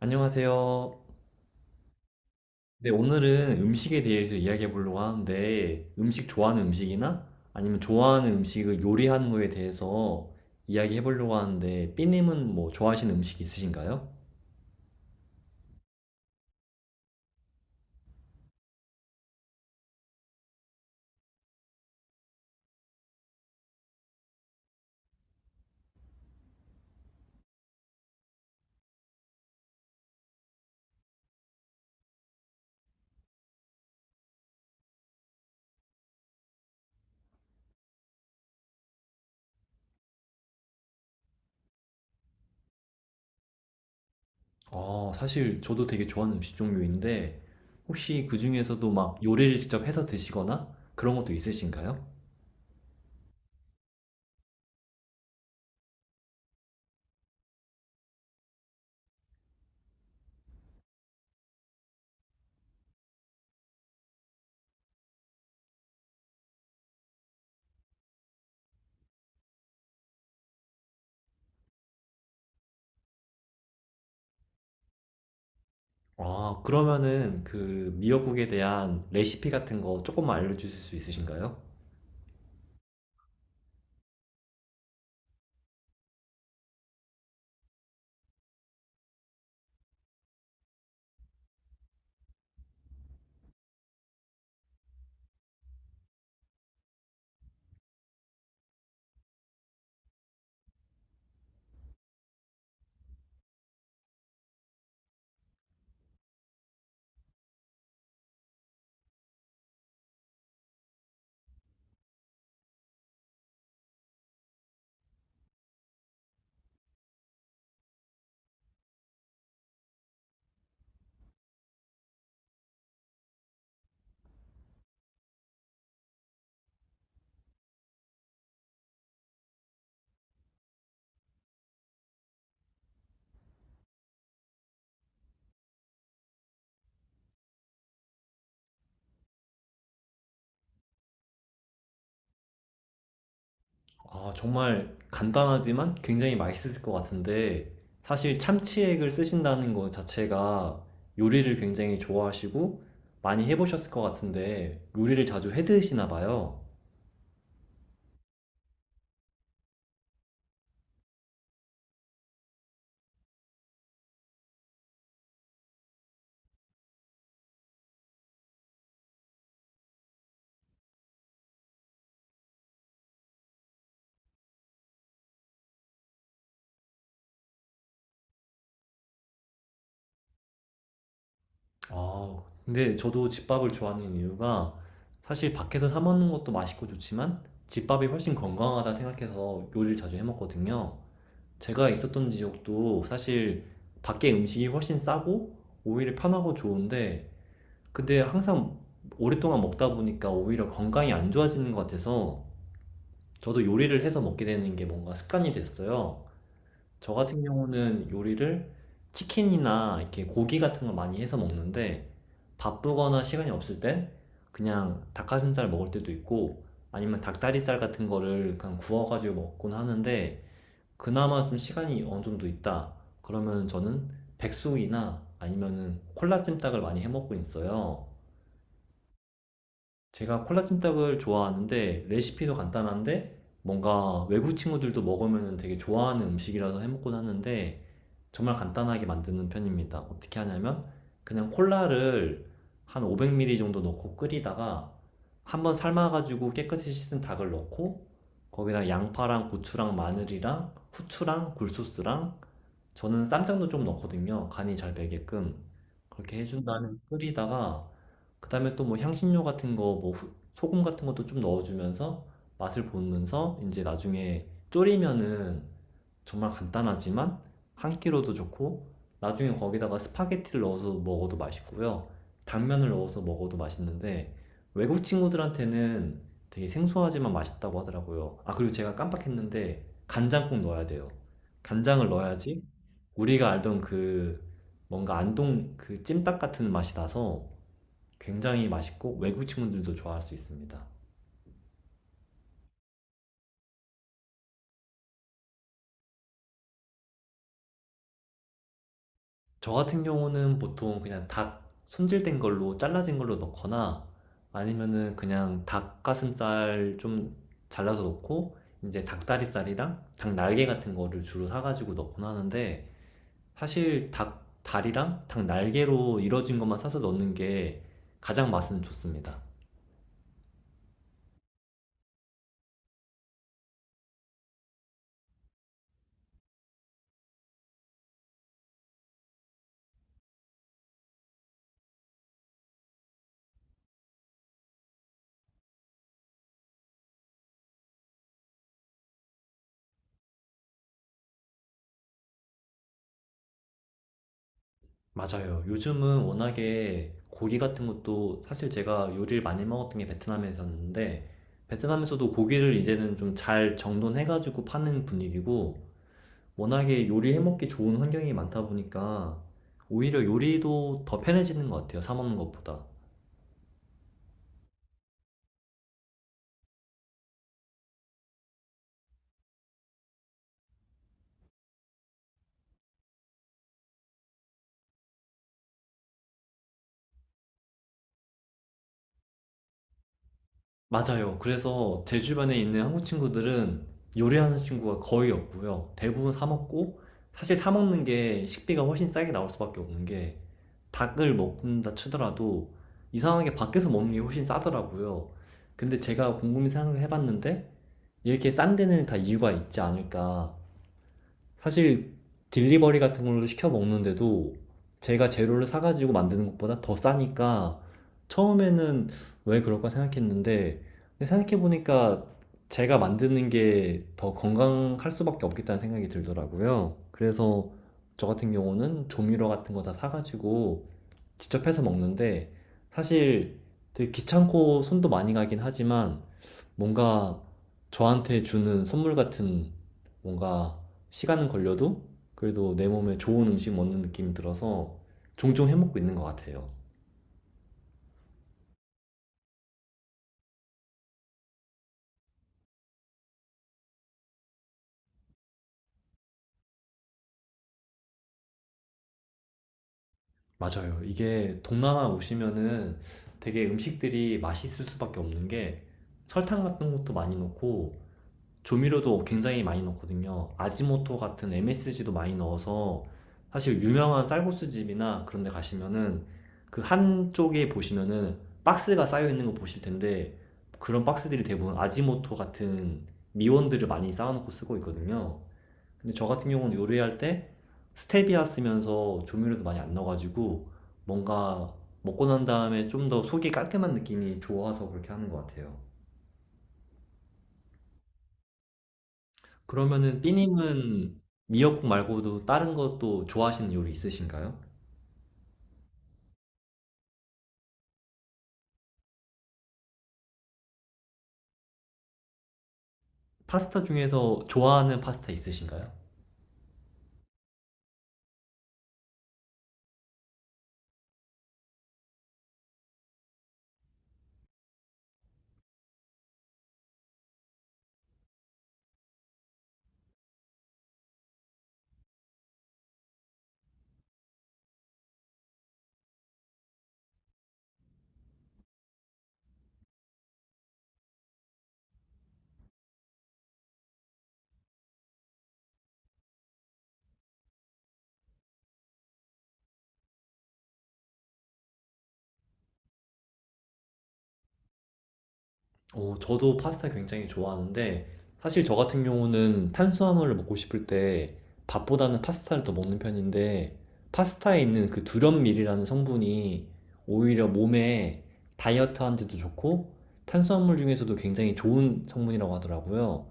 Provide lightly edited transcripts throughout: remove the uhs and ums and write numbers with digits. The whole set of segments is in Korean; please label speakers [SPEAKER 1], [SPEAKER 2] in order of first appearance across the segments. [SPEAKER 1] 안녕하세요. 네, 오늘은 음식에 대해서 이야기해 보려고 하는데, 음식 좋아하는 음식이나 아니면 좋아하는 음식을 요리하는 거에 대해서 이야기해 보려고 하는데, 삐님은 뭐 좋아하시는 음식 있으신가요? 아, 사실 저도 되게 좋아하는 음식 종류인데, 혹시 그 중에서도 막 요리를 직접 해서 드시거나 그런 것도 있으신가요? 아, 그러면은 그 미역국에 대한 레시피 같은 거 조금만 알려주실 수 있으신가요? 아, 정말 간단하지만 굉장히 맛있을 것 같은데, 사실 참치액을 쓰신다는 것 자체가 요리를 굉장히 좋아하시고 많이 해보셨을 것 같은데, 요리를 자주 해 드시나 봐요. 아, 근데 저도 집밥을 좋아하는 이유가, 사실 밖에서 사 먹는 것도 맛있고 좋지만 집밥이 훨씬 건강하다 생각해서 요리를 자주 해 먹거든요. 제가 있었던 지역도 사실 밖에 음식이 훨씬 싸고 오히려 편하고 좋은데, 근데 항상 오랫동안 먹다 보니까 오히려 건강이 안 좋아지는 것 같아서, 저도 요리를 해서 먹게 되는 게 뭔가 습관이 됐어요. 저 같은 경우는 요리를 치킨이나 이렇게 고기 같은 걸 많이 해서 먹는데, 바쁘거나 시간이 없을 땐 그냥 닭가슴살 먹을 때도 있고, 아니면 닭다리살 같은 거를 그냥 구워가지고 먹곤 하는데, 그나마 좀 시간이 어느 정도 있다, 그러면 저는 백숙이나 아니면은 콜라찜닭을 많이 해 먹고 있어요. 제가 콜라찜닭을 좋아하는데, 레시피도 간단한데 뭔가 외국 친구들도 먹으면 되게 좋아하는 음식이라서 해먹곤 하는데, 정말 간단하게 만드는 편입니다. 어떻게 하냐면, 그냥 콜라를 한 500ml 정도 넣고 끓이다가, 한번 삶아가지고 깨끗이 씻은 닭을 넣고, 거기다 양파랑 고추랑 마늘이랑 후추랑 굴소스랑, 저는 쌈장도 좀 넣거든요, 간이 잘 배게끔. 그렇게 해준 다음에 끓이다가, 그 다음에 또 뭐 향신료 같은 거, 뭐 소금 같은 것도 좀 넣어주면서 맛을 보면서 이제 나중에 졸이면은, 정말 간단하지만 한 끼로도 좋고, 나중에 거기다가 스파게티를 넣어서 먹어도 맛있고요. 당면을 넣어서 먹어도 맛있는데, 외국 친구들한테는 되게 생소하지만 맛있다고 하더라고요. 아, 그리고 제가 깜빡했는데, 간장 꼭 넣어야 돼요. 간장을 넣어야지 우리가 알던 그 뭔가 안동 그 찜닭 같은 맛이 나서 굉장히 맛있고, 외국 친구들도 좋아할 수 있습니다. 저 같은 경우는 보통 그냥 닭 손질된 걸로 잘라진 걸로 넣거나 아니면은 그냥 닭가슴살 좀 잘라서 넣고, 이제 닭다리살이랑 닭 날개 같은 거를 주로 사가지고 넣곤 하는데, 사실 닭 다리랑 닭 날개로 이루어진 것만 사서 넣는 게 가장 맛은 좋습니다. 맞아요. 요즘은 워낙에 고기 같은 것도, 사실 제가 요리를 많이 먹었던 게 베트남에서였는데, 베트남에서도 고기를 이제는 좀 잘 정돈해가지고 파는 분위기고, 워낙에 요리해 먹기 좋은 환경이 많다 보니까 오히려 요리도 더 편해지는 것 같아요, 사 먹는 것보다. 맞아요. 그래서 제 주변에 있는 한국 친구들은 요리하는 친구가 거의 없고요. 대부분 사 먹고, 사실 사 먹는 게 식비가 훨씬 싸게 나올 수밖에 없는 게, 닭을 먹는다 치더라도 이상하게 밖에서 먹는 게 훨씬 싸더라고요. 근데 제가 곰곰이 생각을 해봤는데, 이렇게 싼 데는 다 이유가 있지 않을까. 사실 딜리버리 같은 걸로 시켜 먹는데도 제가 재료를 사가지고 만드는 것보다 더 싸니까, 처음에는 왜 그럴까 생각했는데, 근데 생각해보니까 제가 만드는 게 더 건강할 수밖에 없겠다는 생각이 들더라고요. 그래서 저 같은 경우는 조미료 같은 거 다 사가지고 직접 해서 먹는데, 사실 되게 귀찮고 손도 많이 가긴 하지만, 뭔가 저한테 주는 선물 같은, 뭔가 시간은 걸려도 그래도 내 몸에 좋은 음식 먹는 느낌이 들어서 종종 해먹고 있는 것 같아요. 맞아요. 이게 동남아 오시면은 되게 음식들이 맛있을 수밖에 없는 게, 설탕 같은 것도 많이 넣고 조미료도 굉장히 많이 넣거든요. 아지모토 같은 MSG도 많이 넣어서, 사실 유명한 쌀국수 집이나 그런 데 가시면은 그 한쪽에 보시면은 박스가 쌓여 있는 거 보실 텐데, 그런 박스들이 대부분 아지모토 같은 미원들을 많이 쌓아놓고 쓰고 있거든요. 근데 저 같은 경우는 요리할 때 스테비아 쓰면서 조미료도 많이 안 넣어가지고, 뭔가 먹고 난 다음에 좀 더 속이 깔끔한 느낌이 좋아서 그렇게 하는 것 같아요. 그러면은 삐님은 미역국 말고도 다른 것도 좋아하시는 요리 있으신가요? 파스타 중에서 좋아하는 파스타 있으신가요? 어, 저도 파스타 굉장히 좋아하는데, 사실 저 같은 경우는 탄수화물을 먹고 싶을 때 밥보다는 파스타를 더 먹는 편인데, 파스타에 있는 그 두련밀이라는 성분이 오히려 몸에, 다이어트하는데도 좋고 탄수화물 중에서도 굉장히 좋은 성분이라고 하더라고요.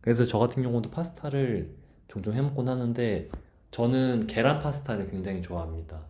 [SPEAKER 1] 그래서 저 같은 경우도 파스타를 종종 해 먹곤 하는데, 저는 계란 파스타를 굉장히 좋아합니다.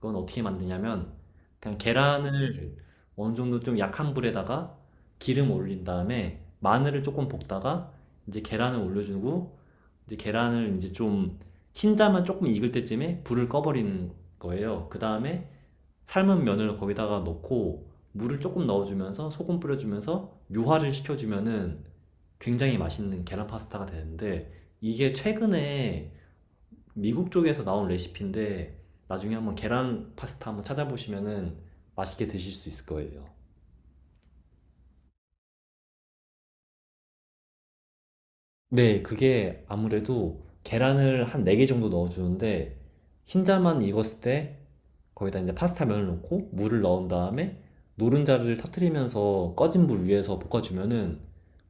[SPEAKER 1] 그건 어떻게 만드냐면, 그냥 계란을 어느 정도 좀 약한 불에다가 기름 올린 다음에 마늘을 조금 볶다가 이제 계란을 올려주고, 이제 계란을 이제 좀 흰자만 조금 익을 때쯤에 불을 꺼버리는 거예요. 그 다음에 삶은 면을 거기다가 넣고 물을 조금 넣어주면서 소금 뿌려주면서 묘화를 시켜주면은 굉장히 맛있는 계란 파스타가 되는데, 이게 최근에 미국 쪽에서 나온 레시피인데, 나중에 한번 계란 파스타 한번 찾아보시면은 맛있게 드실 수 있을 거예요. 네, 그게 아무래도 계란을 한 4개 정도 넣어주는데, 흰자만 익었을 때 거기다 이제 파스타 면을 넣고 물을 넣은 다음에 노른자를 터트리면서 꺼진 불 위에서 볶아주면은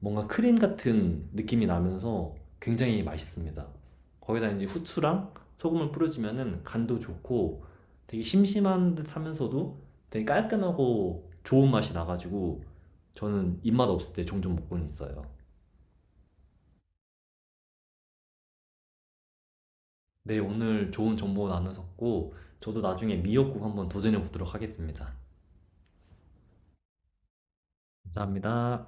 [SPEAKER 1] 뭔가 크림 같은 느낌이 나면서 굉장히 맛있습니다. 거기다 이제 후추랑 소금을 뿌려주면은 간도 좋고, 되게 심심한 듯 하면서도 되게 깔끔하고 좋은 맛이 나가지고 저는 입맛 없을 때 종종 먹곤 있어요. 네, 오늘 좋은 정보 나눴었고, 저도 나중에 미역국 한번 도전해 보도록 하겠습니다. 감사합니다.